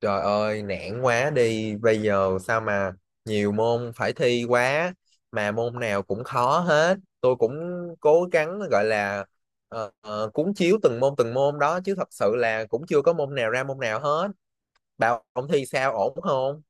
Trời ơi, nản quá đi. Bây giờ sao mà nhiều môn phải thi quá mà môn nào cũng khó hết. Tôi cũng cố gắng gọi là cuốn chiếu từng môn đó chứ thật sự là cũng chưa có môn nào ra môn nào hết. Bảo ông thi sao ổn không?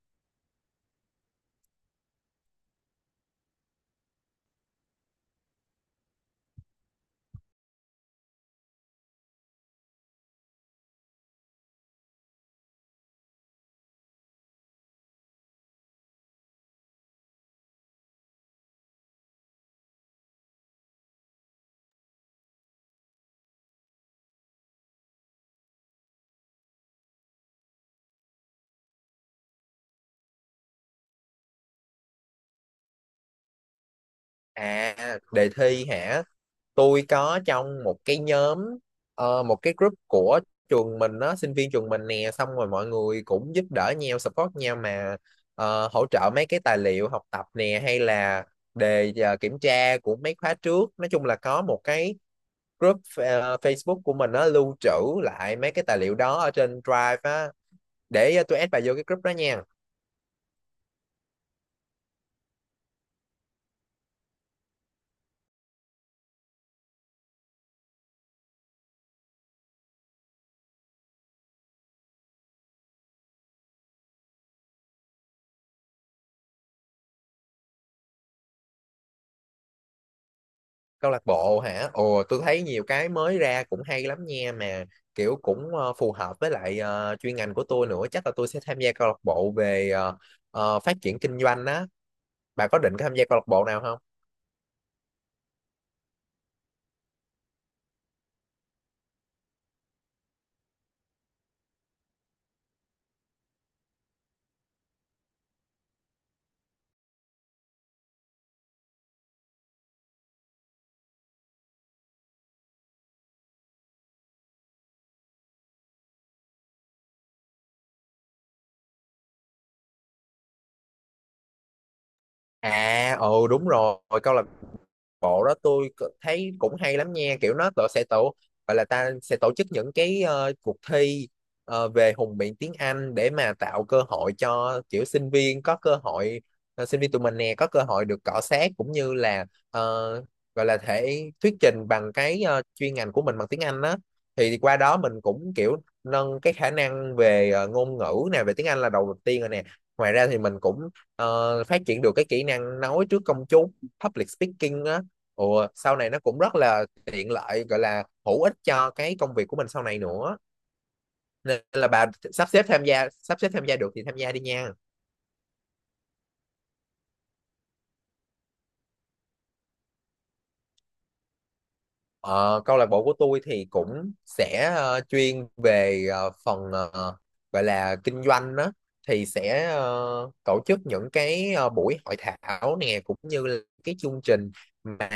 À, đề thi hả? Tôi có trong một cái nhóm, một cái group của trường mình đó, sinh viên trường mình nè, xong rồi mọi người cũng giúp đỡ nhau, support nhau mà, hỗ trợ mấy cái tài liệu học tập nè, hay là đề kiểm tra của mấy khóa trước. Nói chung là có một cái group Facebook của mình, nó lưu trữ lại mấy cái tài liệu đó ở trên Drive á. Để tôi add vào vô cái group đó nha. Câu lạc bộ hả? Ồ, tôi thấy nhiều cái mới ra cũng hay lắm nha, mà kiểu cũng phù hợp với lại chuyên ngành của tôi nữa. Chắc là tôi sẽ tham gia câu lạc bộ về phát triển kinh doanh á. Bà có định tham gia câu lạc bộ nào không? À, ồ, đúng rồi, câu lạc bộ đó tôi thấy cũng hay lắm nha. Kiểu nó tổ sẽ tổ gọi là ta sẽ tổ chức những cái cuộc thi về hùng biện tiếng Anh để mà tạo cơ hội cho kiểu sinh viên có cơ hội, sinh viên tụi mình nè, có cơ hội được cọ xát, cũng như là ờ, gọi là thể thuyết trình bằng cái chuyên ngành của mình bằng tiếng Anh đó. Thì qua đó mình cũng kiểu nâng cái khả năng về ngôn ngữ nè, về tiếng Anh là đầu tiên rồi nè. Ngoài ra thì mình cũng phát triển được cái kỹ năng nói trước công chúng, public speaking á. Ủa, sau này nó cũng rất là tiện lợi, gọi là hữu ích cho cái công việc của mình sau này nữa. Nên là bà sắp xếp tham gia, sắp xếp tham gia được thì tham gia đi nha. Ờ, câu lạc bộ của tôi thì cũng sẽ chuyên về gọi là kinh doanh đó. Thì sẽ tổ chức những cái buổi hội thảo nè, cũng như là cái chương trình mà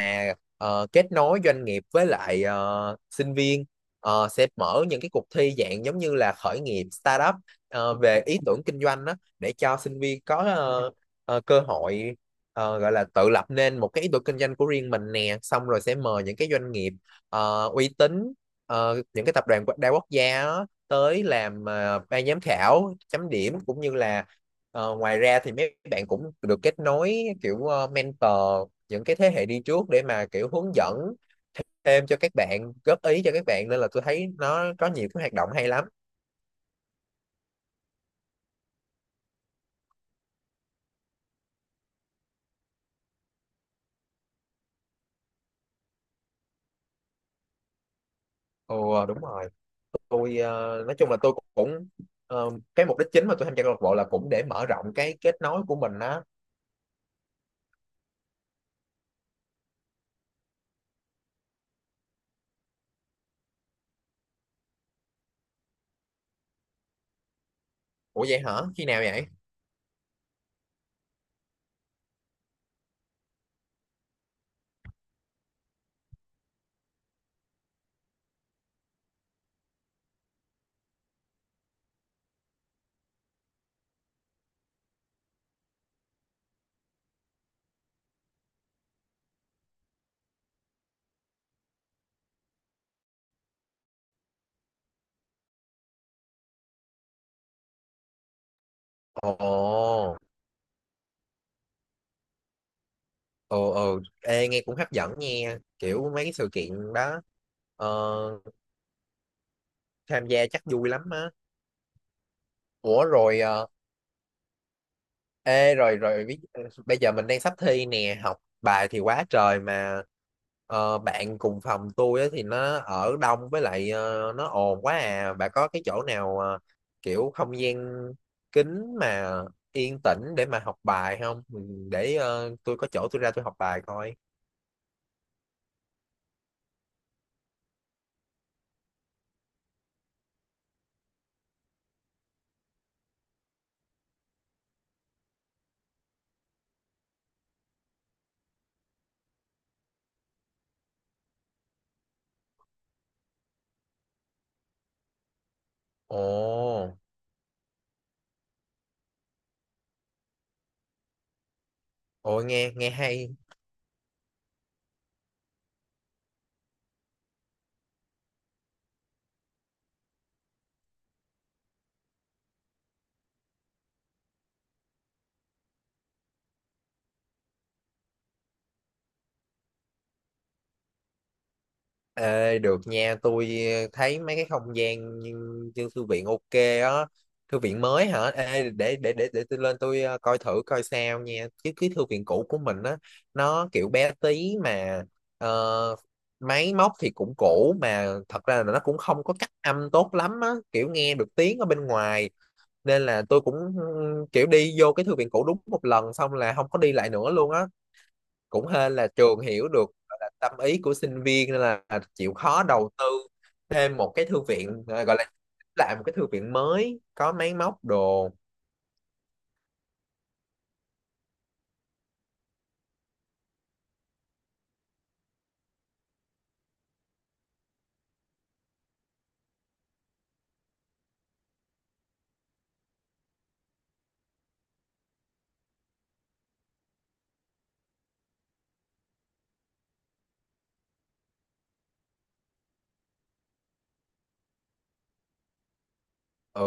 kết nối doanh nghiệp với lại sinh viên. Ờ, sẽ mở những cái cuộc thi dạng giống như là khởi nghiệp, startup, về ý tưởng kinh doanh đó, để cho sinh viên có cơ hội, gọi là tự lập nên một cái ý tưởng kinh doanh của riêng mình nè. Xong rồi sẽ mời những cái doanh nghiệp uy tín, những cái tập đoàn đa quốc gia á, tới làm ban giám khảo chấm điểm, cũng như là ngoài ra thì mấy bạn cũng được kết nối kiểu mentor, những cái thế hệ đi trước để mà kiểu hướng dẫn thêm cho các bạn, góp ý cho các bạn. Nên là tôi thấy nó có nhiều cái hoạt động hay lắm. Ồ đúng rồi, tôi nói chung là tôi cũng cái mục đích chính mà tôi tham gia câu lạc bộ là cũng để mở rộng cái kết nối của mình á. Ủa vậy hả? Khi nào vậy? Ồ. Ồ, ồ, ê, nghe cũng hấp dẫn nha, kiểu mấy cái sự kiện đó ờ, tham gia chắc vui lắm á. Ủa rồi ờ, ê rồi rồi ví- ờ, bây giờ mình đang sắp thi nè, học bài thì quá trời, mà bạn cùng phòng tôi á thì nó ở đông với lại nó ồn quá à. Bà có cái chỗ nào kiểu không gian kín mà yên tĩnh để mà học bài không? Ừ, để tôi có chỗ tôi ra tôi học bài coi. Ồ. Ồ, nghe nghe hay. Ê, được nha, tôi thấy mấy cái không gian như, như thư viện ok á, thư viện mới hả? Ê, để tôi lên tôi coi thử coi sao nha. Chứ cái thư viện cũ của mình á, nó kiểu bé tí, mà ờ, máy móc thì cũng cũ, mà thật ra là nó cũng không có cách âm tốt lắm á, kiểu nghe được tiếng ở bên ngoài. Nên là tôi cũng, ừ, kiểu đi vô cái thư viện cũ đúng một lần xong là không có đi lại nữa luôn á. Cũng hên là trường hiểu được, gọi là tâm ý của sinh viên, nên là chịu khó đầu tư thêm một cái thư viện, à, gọi là làm một cái thư viện mới có máy móc đồ. Ừ,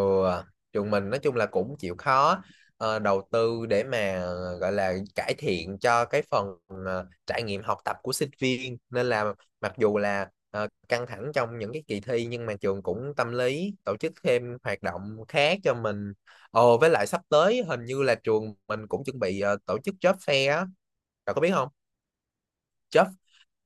trường mình nói chung là cũng chịu khó đầu tư để mà gọi là cải thiện cho cái phần trải nghiệm học tập của sinh viên. Nên là mặc dù là căng thẳng trong những cái kỳ thi, nhưng mà trường cũng tâm lý tổ chức thêm hoạt động khác cho mình. Ồ, với lại sắp tới hình như là trường mình cũng chuẩn bị tổ chức job fair á, cậu có biết không? Job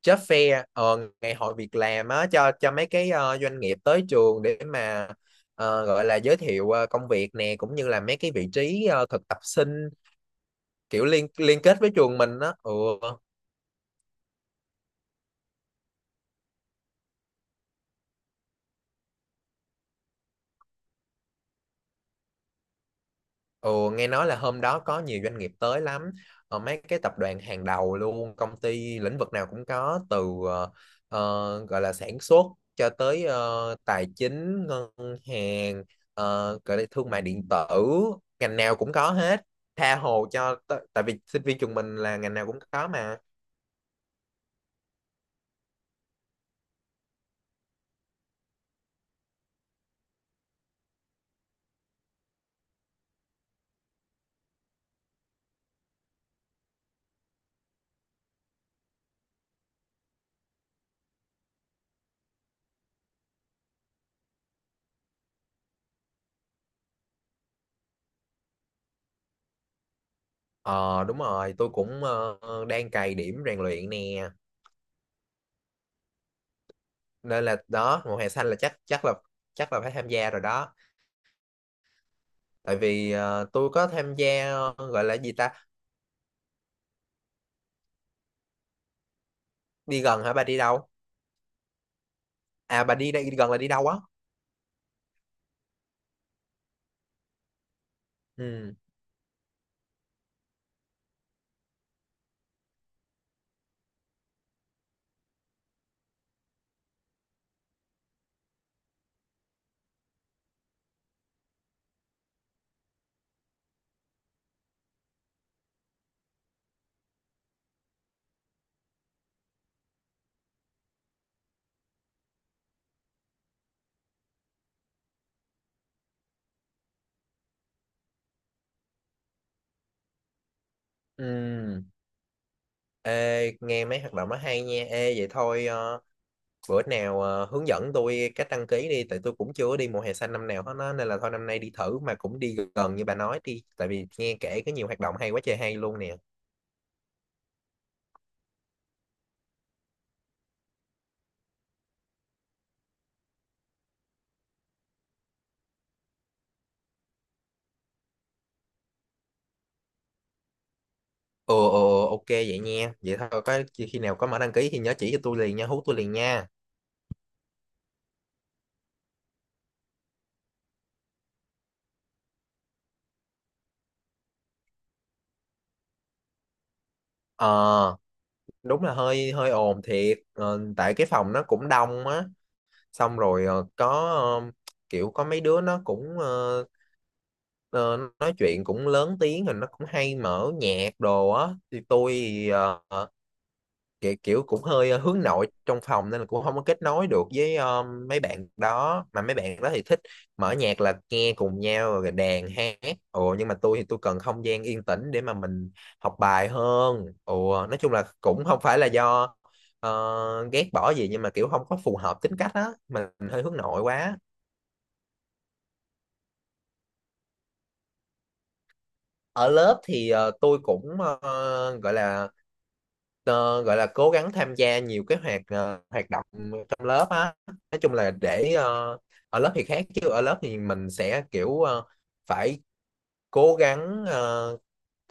job fair, ngày hội việc làm á, cho mấy cái doanh nghiệp tới trường để mà gọi là giới thiệu công việc nè, cũng như là mấy cái vị trí thực tập sinh kiểu liên liên kết với trường mình á. Ừ. Ồ, nghe nói là hôm đó có nhiều doanh nghiệp tới lắm, mấy cái tập đoàn hàng đầu luôn, công ty lĩnh vực nào cũng có, từ ờ, gọi là sản xuất cho tới tài chính ngân hàng, gọi là thương mại điện tử, ngành nào cũng có hết, tha hồ cho tại vì sinh viên trường mình là ngành nào cũng có mà. Ờ đúng rồi, tôi cũng đang cày điểm rèn luyện nè, nên là đó, mùa hè xanh là chắc chắc là phải tham gia rồi đó. Tại vì tôi có tham gia gọi là gì ta. Đi gần hả? Bà đi đâu? À bà đi đây, đi gần là đi đâu á? Ừ ừ, ê nghe mấy hoạt động nó hay nha. Ê vậy thôi bữa nào hướng dẫn tôi cách đăng ký đi, tại tôi cũng chưa có đi mùa hè xanh năm nào hết á, nên là thôi năm nay đi thử, mà cũng đi gần như bà nói đi, tại vì nghe kể có nhiều hoạt động hay quá trời hay luôn nè. Ừ ừ ừ, ok vậy nha, vậy thôi, có khi nào có mở đăng ký thì nhớ chỉ cho tôi liền nha, hú tôi liền nha. Ờ đúng là hơi hơi ồn thiệt. Ờ, tại cái phòng nó cũng đông á, xong rồi ờ, kiểu có mấy đứa nó cũng ờ, nói chuyện cũng lớn tiếng, rồi nó cũng hay mở nhạc đồ á. Thì tôi thì, kiểu, kiểu cũng hơi hướng nội trong phòng nên là cũng không có kết nối được với mấy bạn đó. Mà mấy bạn đó thì thích mở nhạc là nghe cùng nhau rồi đàn hát. Ồ, nhưng mà tôi thì tôi cần không gian yên tĩnh để mà mình học bài hơn. Ồ, nói chung là cũng không phải là do ờ, ghét bỏ gì, nhưng mà kiểu không có phù hợp tính cách á, mình hơi hướng nội quá. Ở lớp thì tôi cũng ờ, gọi là ờ, gọi là cố gắng tham gia nhiều cái hoạt động trong lớp á. Nói chung là để ở lớp thì khác, chứ ở lớp thì mình sẽ kiểu phải cố gắng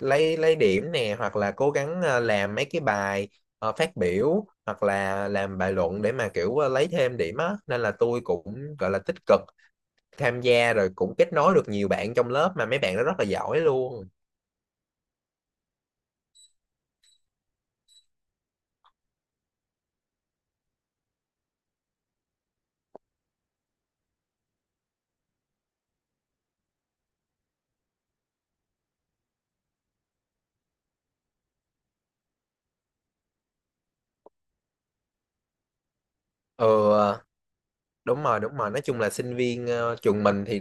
lấy điểm nè, hoặc là cố gắng làm mấy cái bài phát biểu, hoặc là làm bài luận để mà kiểu lấy thêm điểm á, nên là tôi cũng gọi là tích cực tham gia, rồi cũng kết nối được nhiều bạn trong lớp, mà mấy bạn đó rất là giỏi luôn. Ừ, ờ, đúng rồi đúng rồi, nói chung là sinh viên trường mình thì